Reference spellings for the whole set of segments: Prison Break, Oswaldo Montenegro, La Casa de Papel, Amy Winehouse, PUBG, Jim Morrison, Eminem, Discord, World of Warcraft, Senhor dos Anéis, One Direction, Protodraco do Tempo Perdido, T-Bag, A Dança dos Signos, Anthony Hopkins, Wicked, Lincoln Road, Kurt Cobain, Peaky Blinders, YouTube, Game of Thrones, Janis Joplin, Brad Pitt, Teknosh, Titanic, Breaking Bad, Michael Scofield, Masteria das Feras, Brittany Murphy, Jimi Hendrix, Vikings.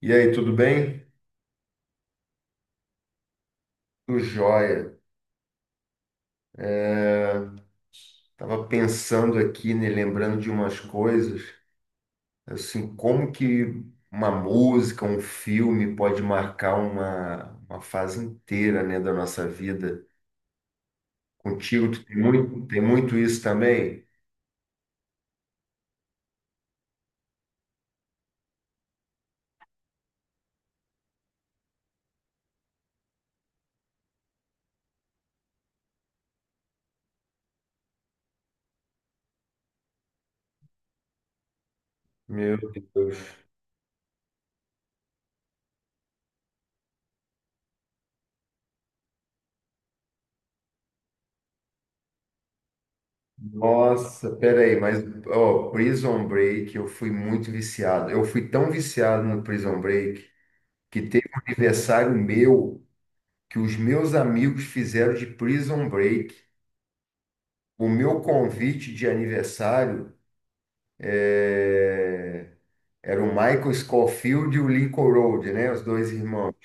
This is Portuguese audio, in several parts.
E aí, tudo bem? Tudo jóia. Tava pensando aqui, né, lembrando de umas coisas, assim, como que uma música, um filme pode marcar uma fase inteira, né, da nossa vida. Contigo, tu tem muito isso também? Meu Deus. Nossa, peraí, mas, ó, Prison Break, eu fui muito viciado. Eu fui tão viciado no Prison Break que teve um aniversário meu que os meus amigos fizeram de Prison Break. O meu convite de aniversário é, era o Michael Scofield e o Lincoln Road, né? Os dois irmãos.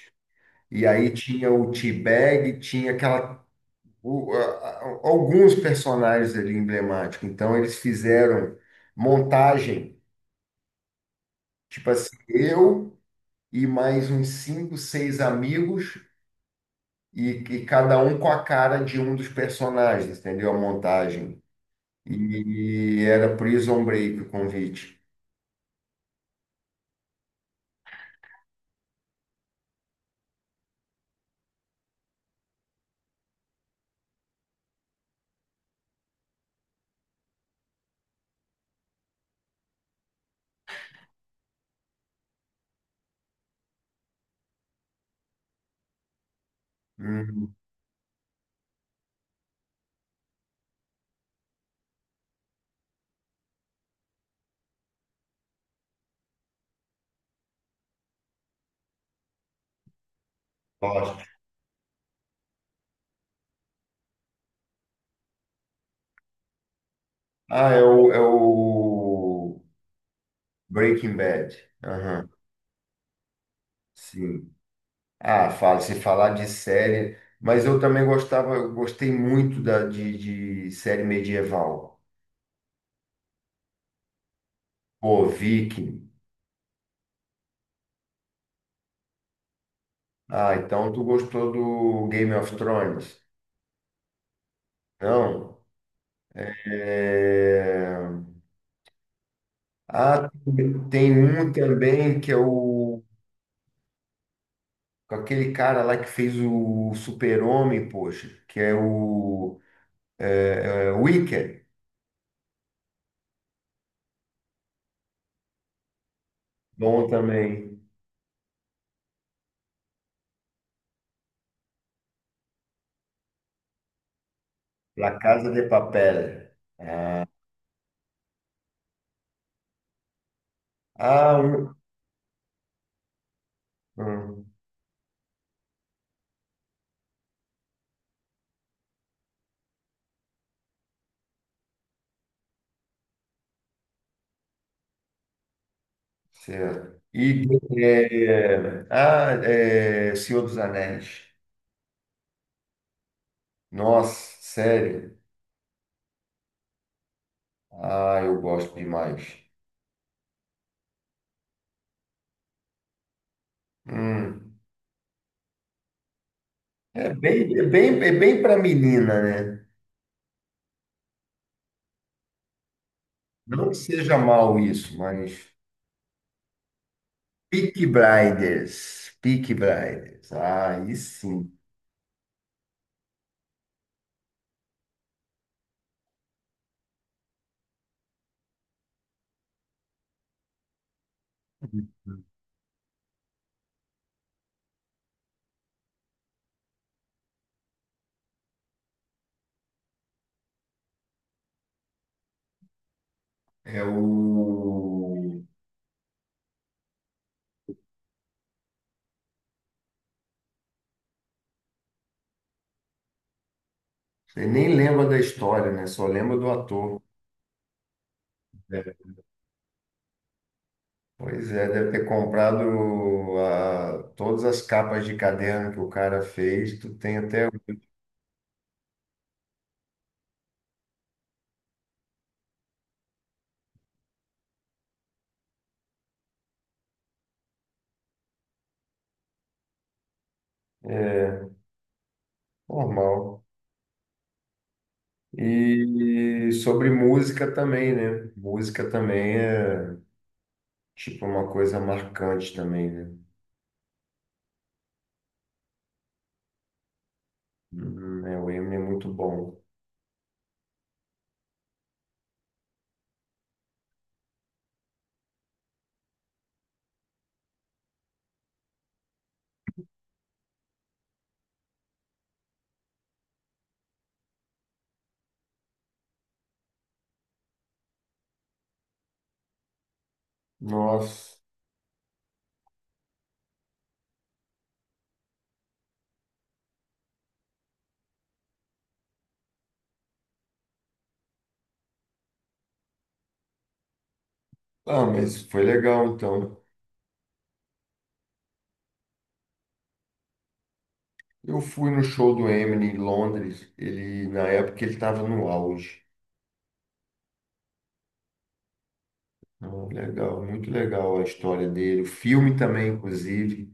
E aí tinha o T-Bag, tinha aquela. o- a- Alguns personagens ali emblemáticos. Então eles fizeram montagem, tipo assim, eu e mais uns cinco, seis amigos, e cada um com a cara de um dos personagens, entendeu? A montagem. E era Prison Break o convite. Hum. Gosto. Ah, é o Breaking Bad. Aham, sim. Ah, fala, se falar de série, mas eu também gostava, eu gostei muito de série medieval. Pô, Viking. Ah, então tu gostou do Game of Thrones? Não? É... Ah, tem um também que é o com aquele cara lá que fez o Super-Homem, poxa, que é o Wicked. Bom também. La Casa de Papel. Ah, um, certo. E Senhor dos Anéis. Nossa, sério. Ah, eu gosto demais. Hum. É bem para menina, né? Não que seja mal isso, mas. Peaky Blinders. Peaky Blinders. Ah, aí sim. É o. Você nem lembra da história, né? Só lembra do ator. É. Pois é, deve ter comprado todas as capas de caderno que o cara fez, tu tem até é, normal. E sobre música também, né? Música também é tipo uma coisa marcante também, né? O Eminem é muito bom. Nossa, ah, mas foi legal então. Eu fui no show do Eminem em Londres, ele na época ele estava no auge. Ah, legal, muito legal a história dele, o filme também, inclusive.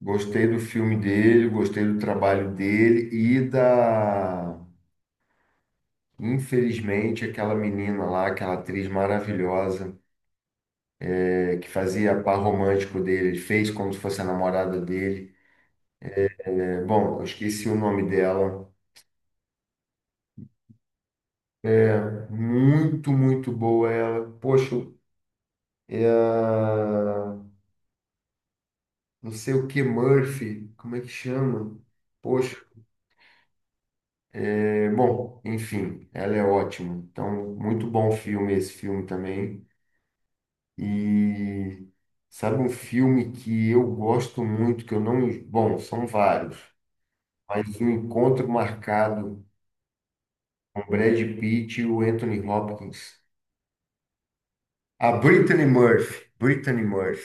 Gostei do filme dele, gostei do trabalho dele e da. Infelizmente, aquela menina lá, aquela atriz maravilhosa, que fazia par romântico dele, ele fez como se fosse a namorada dele. É, bom, eu esqueci o nome dela. Muito, muito boa ela. Poxa, é a- não sei o que, Murphy, como é que chama? Poxa, é, bom, enfim, ela é ótima. Então, muito bom filme esse filme também. E sabe um filme que eu gosto muito, que eu não. Bom, são vários, mas o encontro marcado com Brad Pitt e o Anthony Hopkins. A Brittany Murphy. Brittany Murphy,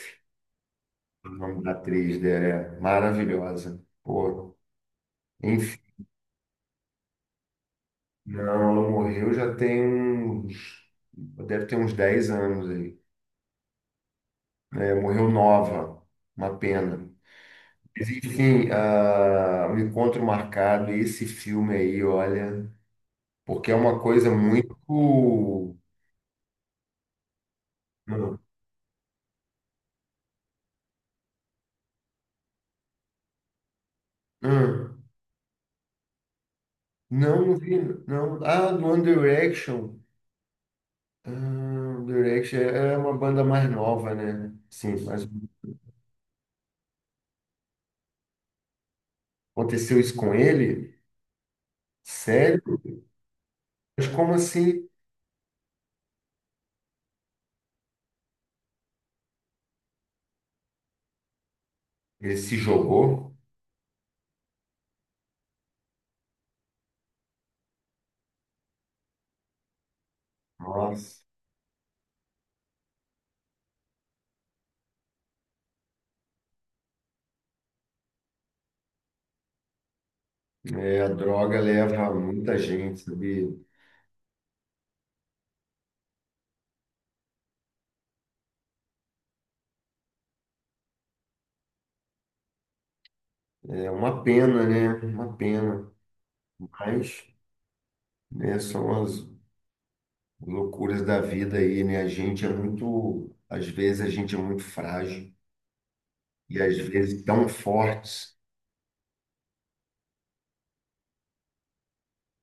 o nome da atriz dela é maravilhosa. Pô, enfim, não, ela morreu já tem uns. Deve ter uns 10 anos aí. Né? Morreu nova, uma pena. Existe um encontro marcado, e esse filme aí, olha, porque é uma coisa muito. Não. Hum. Não, não vi, não. Ah, do One Direction. Ah, One Direction é uma banda mais nova, né? Sim, mas aconteceu isso com ele? Sério? Mas como assim? Ele se jogou? Nossa. É, a droga leva muita gente, sabe? É uma pena, né? Uma pena. Mas, né, são as loucuras da vida aí, né? A gente é muito, às vezes a gente é muito frágil e às vezes tão fortes.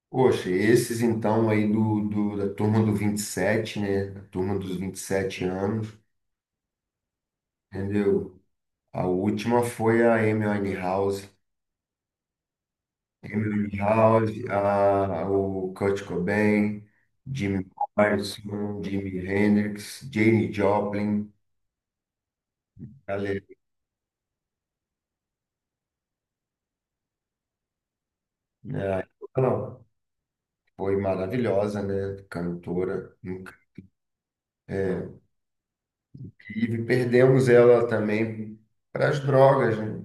Poxa, esses então aí da turma do 27, né? A turma dos 27 anos, entendeu? A última foi a Amy Winehouse, Amy Winehouse, o Kurt Cobain, Jimmy Morrison, Jimi Hendrix, Jane Joplin, galera, né? Ela foi maravilhosa, né? Cantora. E perdemos ela também para as drogas, né?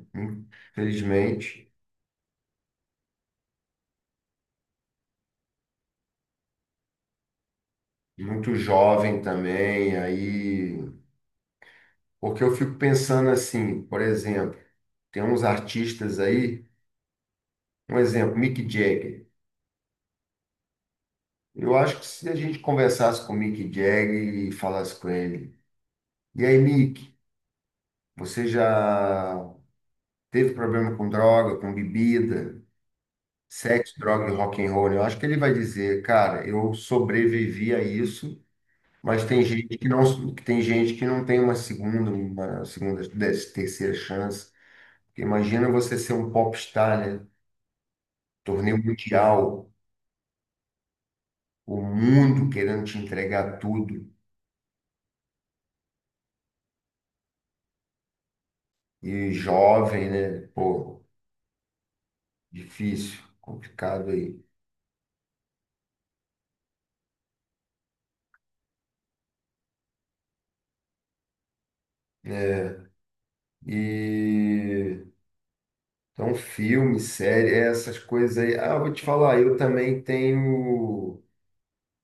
Infelizmente. Muito jovem também, aí. Porque eu fico pensando assim, por exemplo, tem uns artistas aí, um exemplo, Mick Jagger. Eu acho que se a gente conversasse com o Mick Jagger e falasse com ele, e aí, Mick, você já teve problema com droga, com bebida, sexo, droga e rock and roll? Eu acho que ele vai dizer, cara, eu sobrevivi a isso. Mas tem gente que não, que tem gente que não tem uma segunda, terceira chance. Porque imagina você ser um popstar, né? Torneio mundial, o mundo querendo te entregar tudo. E jovem, né? Pô, difícil, complicado aí. Né? E então, filme, série, essas coisas aí. Ah, eu vou te falar, eu também tenho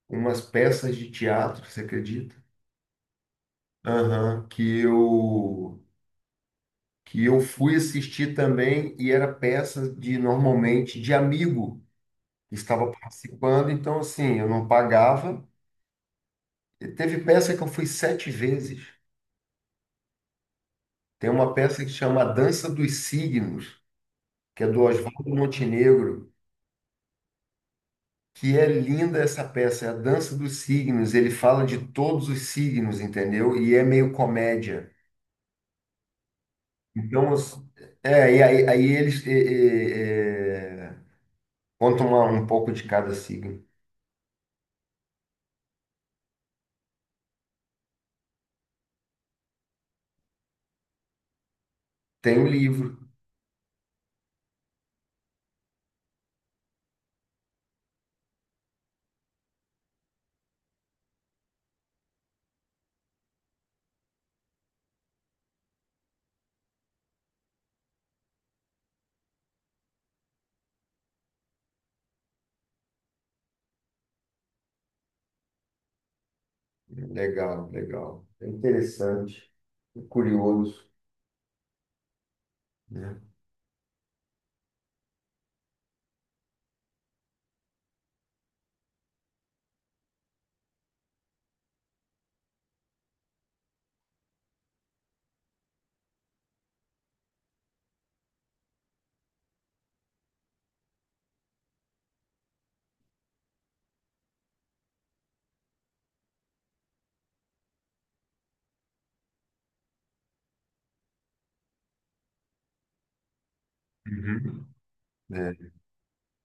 umas peças de teatro, você acredita? Aham, que eu fui assistir também e era peça de normalmente de amigo que estava participando, então assim, eu não pagava. E teve peça que eu fui sete vezes. Tem uma peça que chama A Dança dos Signos, que é do Oswaldo Montenegro, que é linda essa peça, é a Dança dos Signos, ele fala de todos os signos, entendeu? E é meio comédia. Então, e aí eles contam um pouco de cada signo. Tem o livro. Legal, legal. É interessante, é curioso, né? Uhum. É.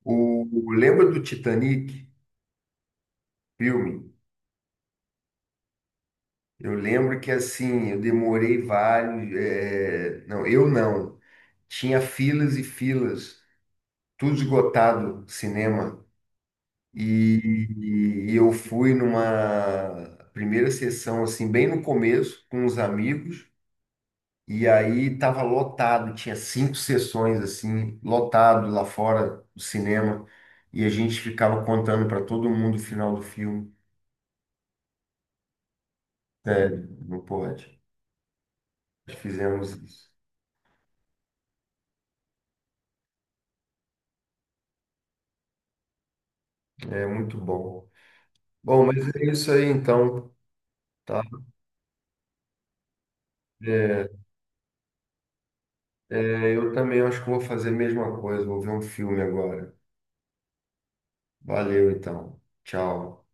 O, lembra do Titanic, filme? Eu lembro que assim, eu demorei vários. É, não, eu não. Tinha filas e filas, tudo esgotado, cinema. E eu fui numa primeira sessão, assim, bem no começo, com uns amigos. E aí tava lotado, tinha cinco sessões assim, lotado lá fora do cinema, e a gente ficava contando para todo mundo o final do filme. Sério, não pode. Nós fizemos isso. É muito bom. Bom, mas é isso aí então, tá? É, é, eu também acho que vou fazer a mesma coisa, vou ver um filme agora. Valeu então. Tchau.